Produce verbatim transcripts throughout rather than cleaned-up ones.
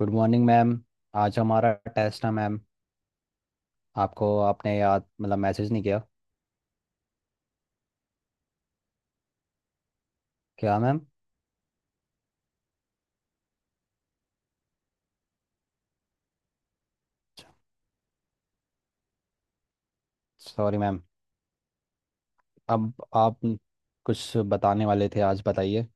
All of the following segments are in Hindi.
Good morning ma'am. आज हमारा टेस्ट है मैम। आपको आपने याद मतलब मैसेज नहीं किया। क्या मैम? Sorry ma'am. अब आप कुछ बताने वाले थे आज बताइए।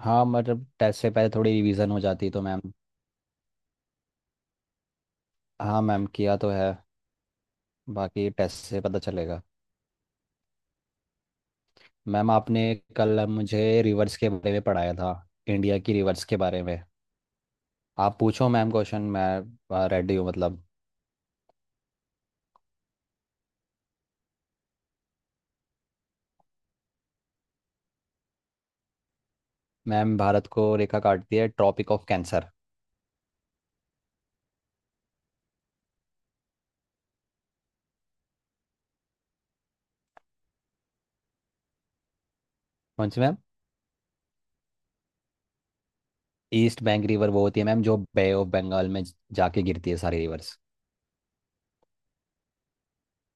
हाँ मतलब टेस्ट से पहले थोड़ी रिवीजन हो जाती तो मैम। हाँ मैम किया तो है। बाकी टेस्ट से पता चलेगा। मैम आपने कल मुझे रिवर्स के बारे में पढ़ाया था, इंडिया की रिवर्स के बारे में। आप पूछो मैम क्वेश्चन, मैं रेडी हूँ मतलब मैम भारत को रेखा काटती है ट्रॉपिक ऑफ कैंसर। कौन सी मैम? ईस्ट बैंक रिवर वो होती है मैम जो बे ऑफ बंगाल में ज- जाके गिरती है सारी रिवर्स।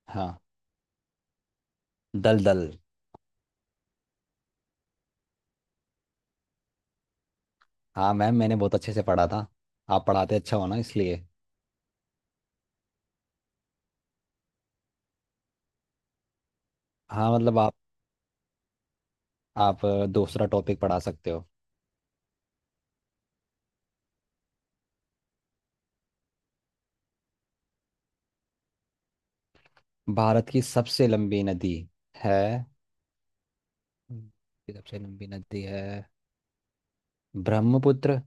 हाँ, दल दल। हाँ मैम मैंने बहुत अच्छे से पढ़ा था। आप पढ़ाते अच्छा हो ना इसलिए। हाँ मतलब आप आप अ, दूसरा टॉपिक पढ़ा सकते हो। भारत की सबसे लंबी नदी है। भारत की सबसे लंबी नदी है ब्रह्मपुत्र।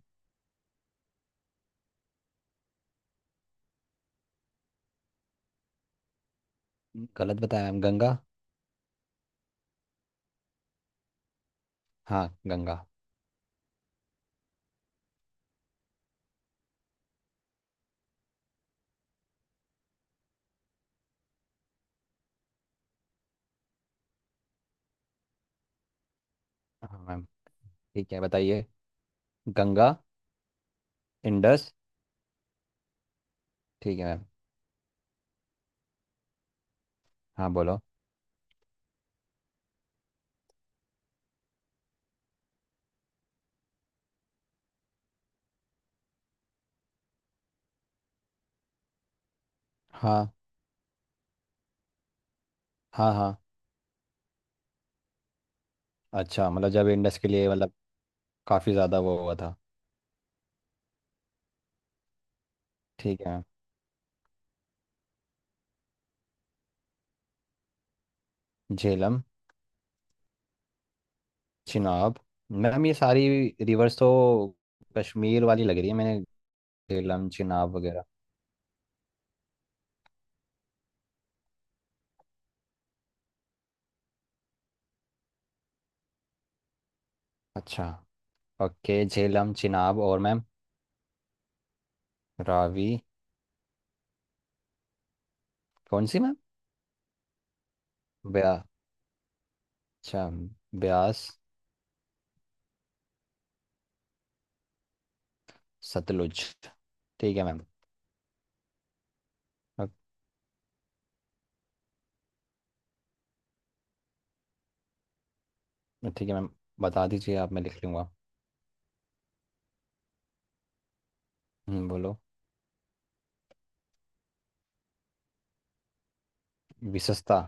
गलत बताया मैम, गंगा। हाँ गंगा। हाँ मैम ठीक है बताइए। गंगा। इंडस, ठीक है मैम। हाँ बोलो। हाँ हाँ हाँ। अच्छा मतलब जब इंडस के लिए मतलब काफ़ी ज़्यादा वो हुआ था। ठीक है। झेलम। चिनाब। मैम ये सारी रिवर्स तो कश्मीर वाली लग रही है मैंने, झेलम चिनाब वगैरह। अच्छा। ओके झेलम चिनाब और मैम? रावी। कौन सी मैम? ब्या। अच्छा, ब्यास। सतलुज, ठीक है मैम। अ- ठीक है मैम, बता दीजिए आप मैं लिख लूँगा। हम्म, बोलो। विशस्ता।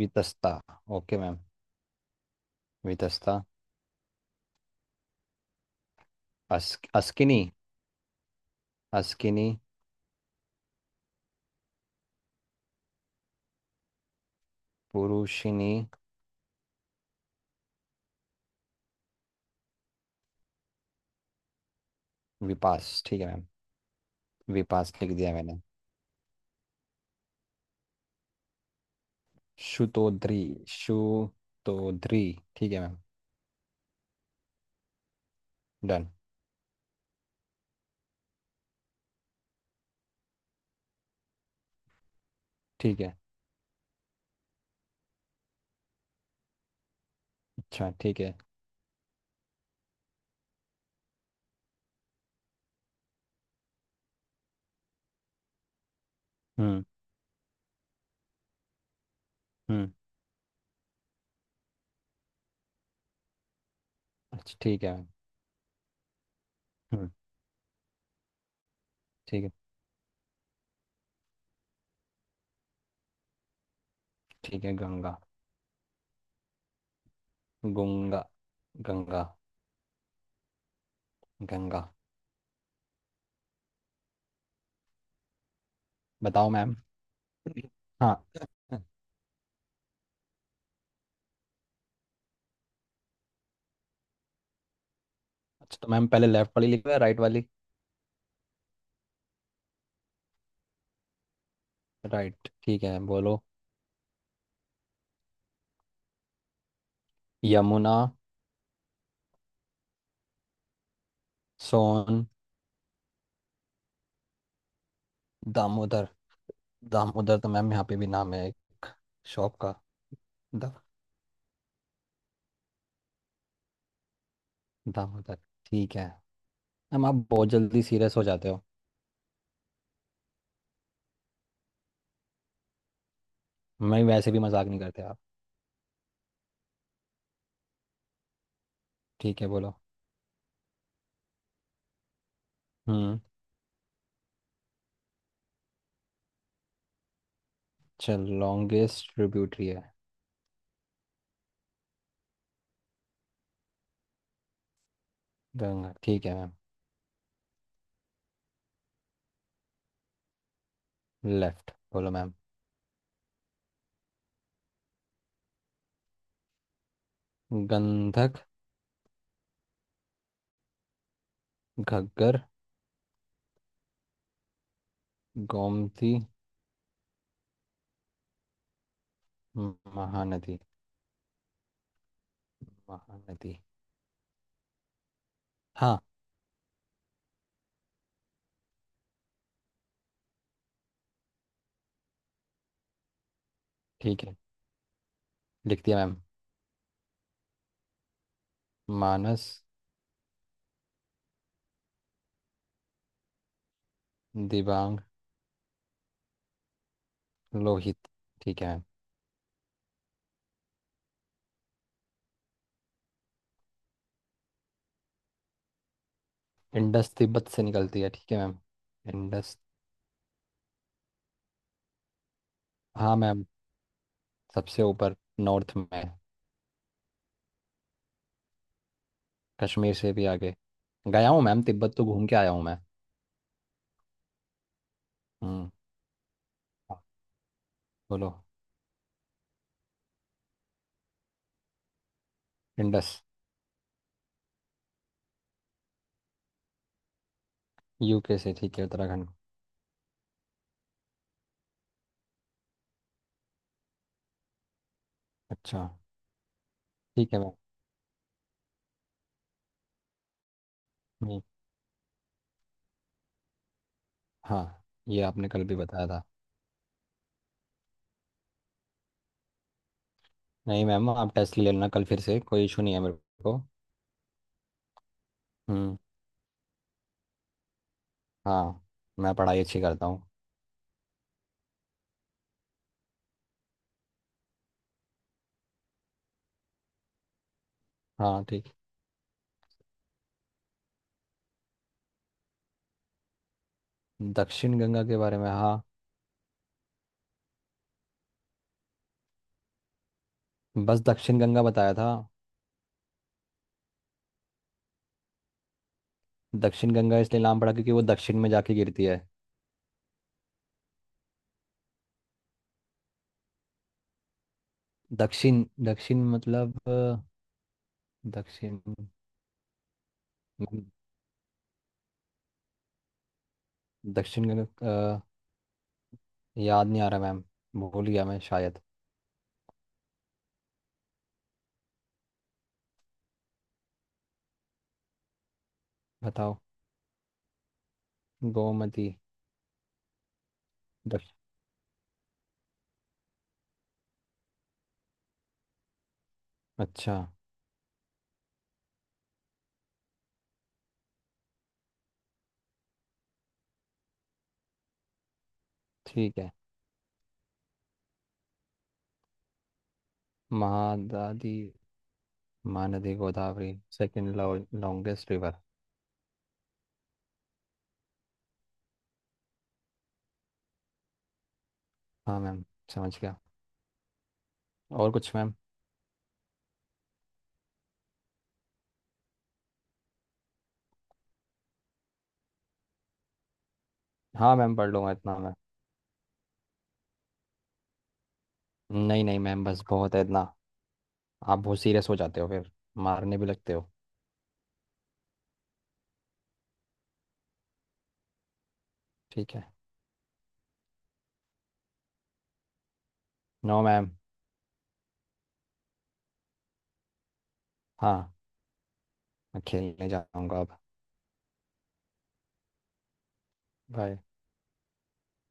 Vitasta, okay ma'am. वितस्ता। अस, अस्किनी। अस्किनी। पुरुषिनी। विपास ठीक है मैम। विपास लिख दिया मैंने। शुतोद्री। शुतोद्री, ठीक है मैम। डन। ठीक है। अच्छा ठीक है। हम्म। हम्म। अच्छा ठीक है मैम। हम्म। ठीक है। ठीक है। गंगा। गुंगा। गंगा। गंगा। बताओ मैम। हाँ। अच्छा तो मैम पहले लेफ्ट वाली लिखो या राइट वाली? राइट ठीक है बोलो। यमुना। सोन। दामोदर। दामोदर तो मैम यहाँ पे भी नाम है एक शॉप का। दा, दामोदर, ठीक है मैम। आप बहुत जल्दी सीरियस हो जाते हो। मैं वैसे भी मजाक नहीं करते आप। ठीक है बोलो। हम्म। चल लॉन्गेस्ट ट्रिब्यूटरी है। गंगा, ठीक है मैम। लेफ्ट बोलो मैम। गंधक। घग्गर। गोमती। म- महानदी। महानदी। हाँ। ठीक है, लिख दिया मैम। मानस। दिबांग। लोहित, ठीक है मैम। इंडस तिब्बत से निकलती है, ठीक है मैम। इंडस। हाँ मैम। सबसे ऊपर, नॉर्थ में। कश्मीर से भी आगे गया हूँ मैम, तिब्बत तो घूम के आया हूँ मैं। हम्म। हाँ, बोलो। इंडस। यूके से, ठीक है, उत्तराखंड। अच्छा, ठीक है मैम। नहीं। हाँ ये आपने कल भी बताया था। नहीं मैम आप टेस्ट ले लेना कल फिर से, कोई इशू नहीं है मेरे को। हम्म। हाँ, मैं पढ़ाई अच्छी करता हूँ। हाँ ठीक। दक्षिण गंगा के बारे में हाँ। बस दक्षिण गंगा बताया था। दक्षिण गंगा इसलिए नाम पड़ा क्योंकि वो दक्षिण में जाके गिरती है। दक्षिण दक्षिण मतलब अ, दक्षिण। मैम, दक्षिण गंगा अ, याद नहीं आ रहा मैम, भूल गया मैं शायद। बताओ। गोमती। दक्ष- अच्छा ठीक है। महादादी। Mahanadi, Godavari. Second longest river. हाँ मैम समझ गया। और कुछ मैम? हाँ मैम पढ़ लूंगा इतना मैं। नहीं नहीं मैम बस बहुत है इतना। आप बहुत सीरियस हो जाते हो फिर, मारने भी लगते हो। ठीक है। No ma'am. हाँ। मैं खेलने जाऊंगा अब। बाय।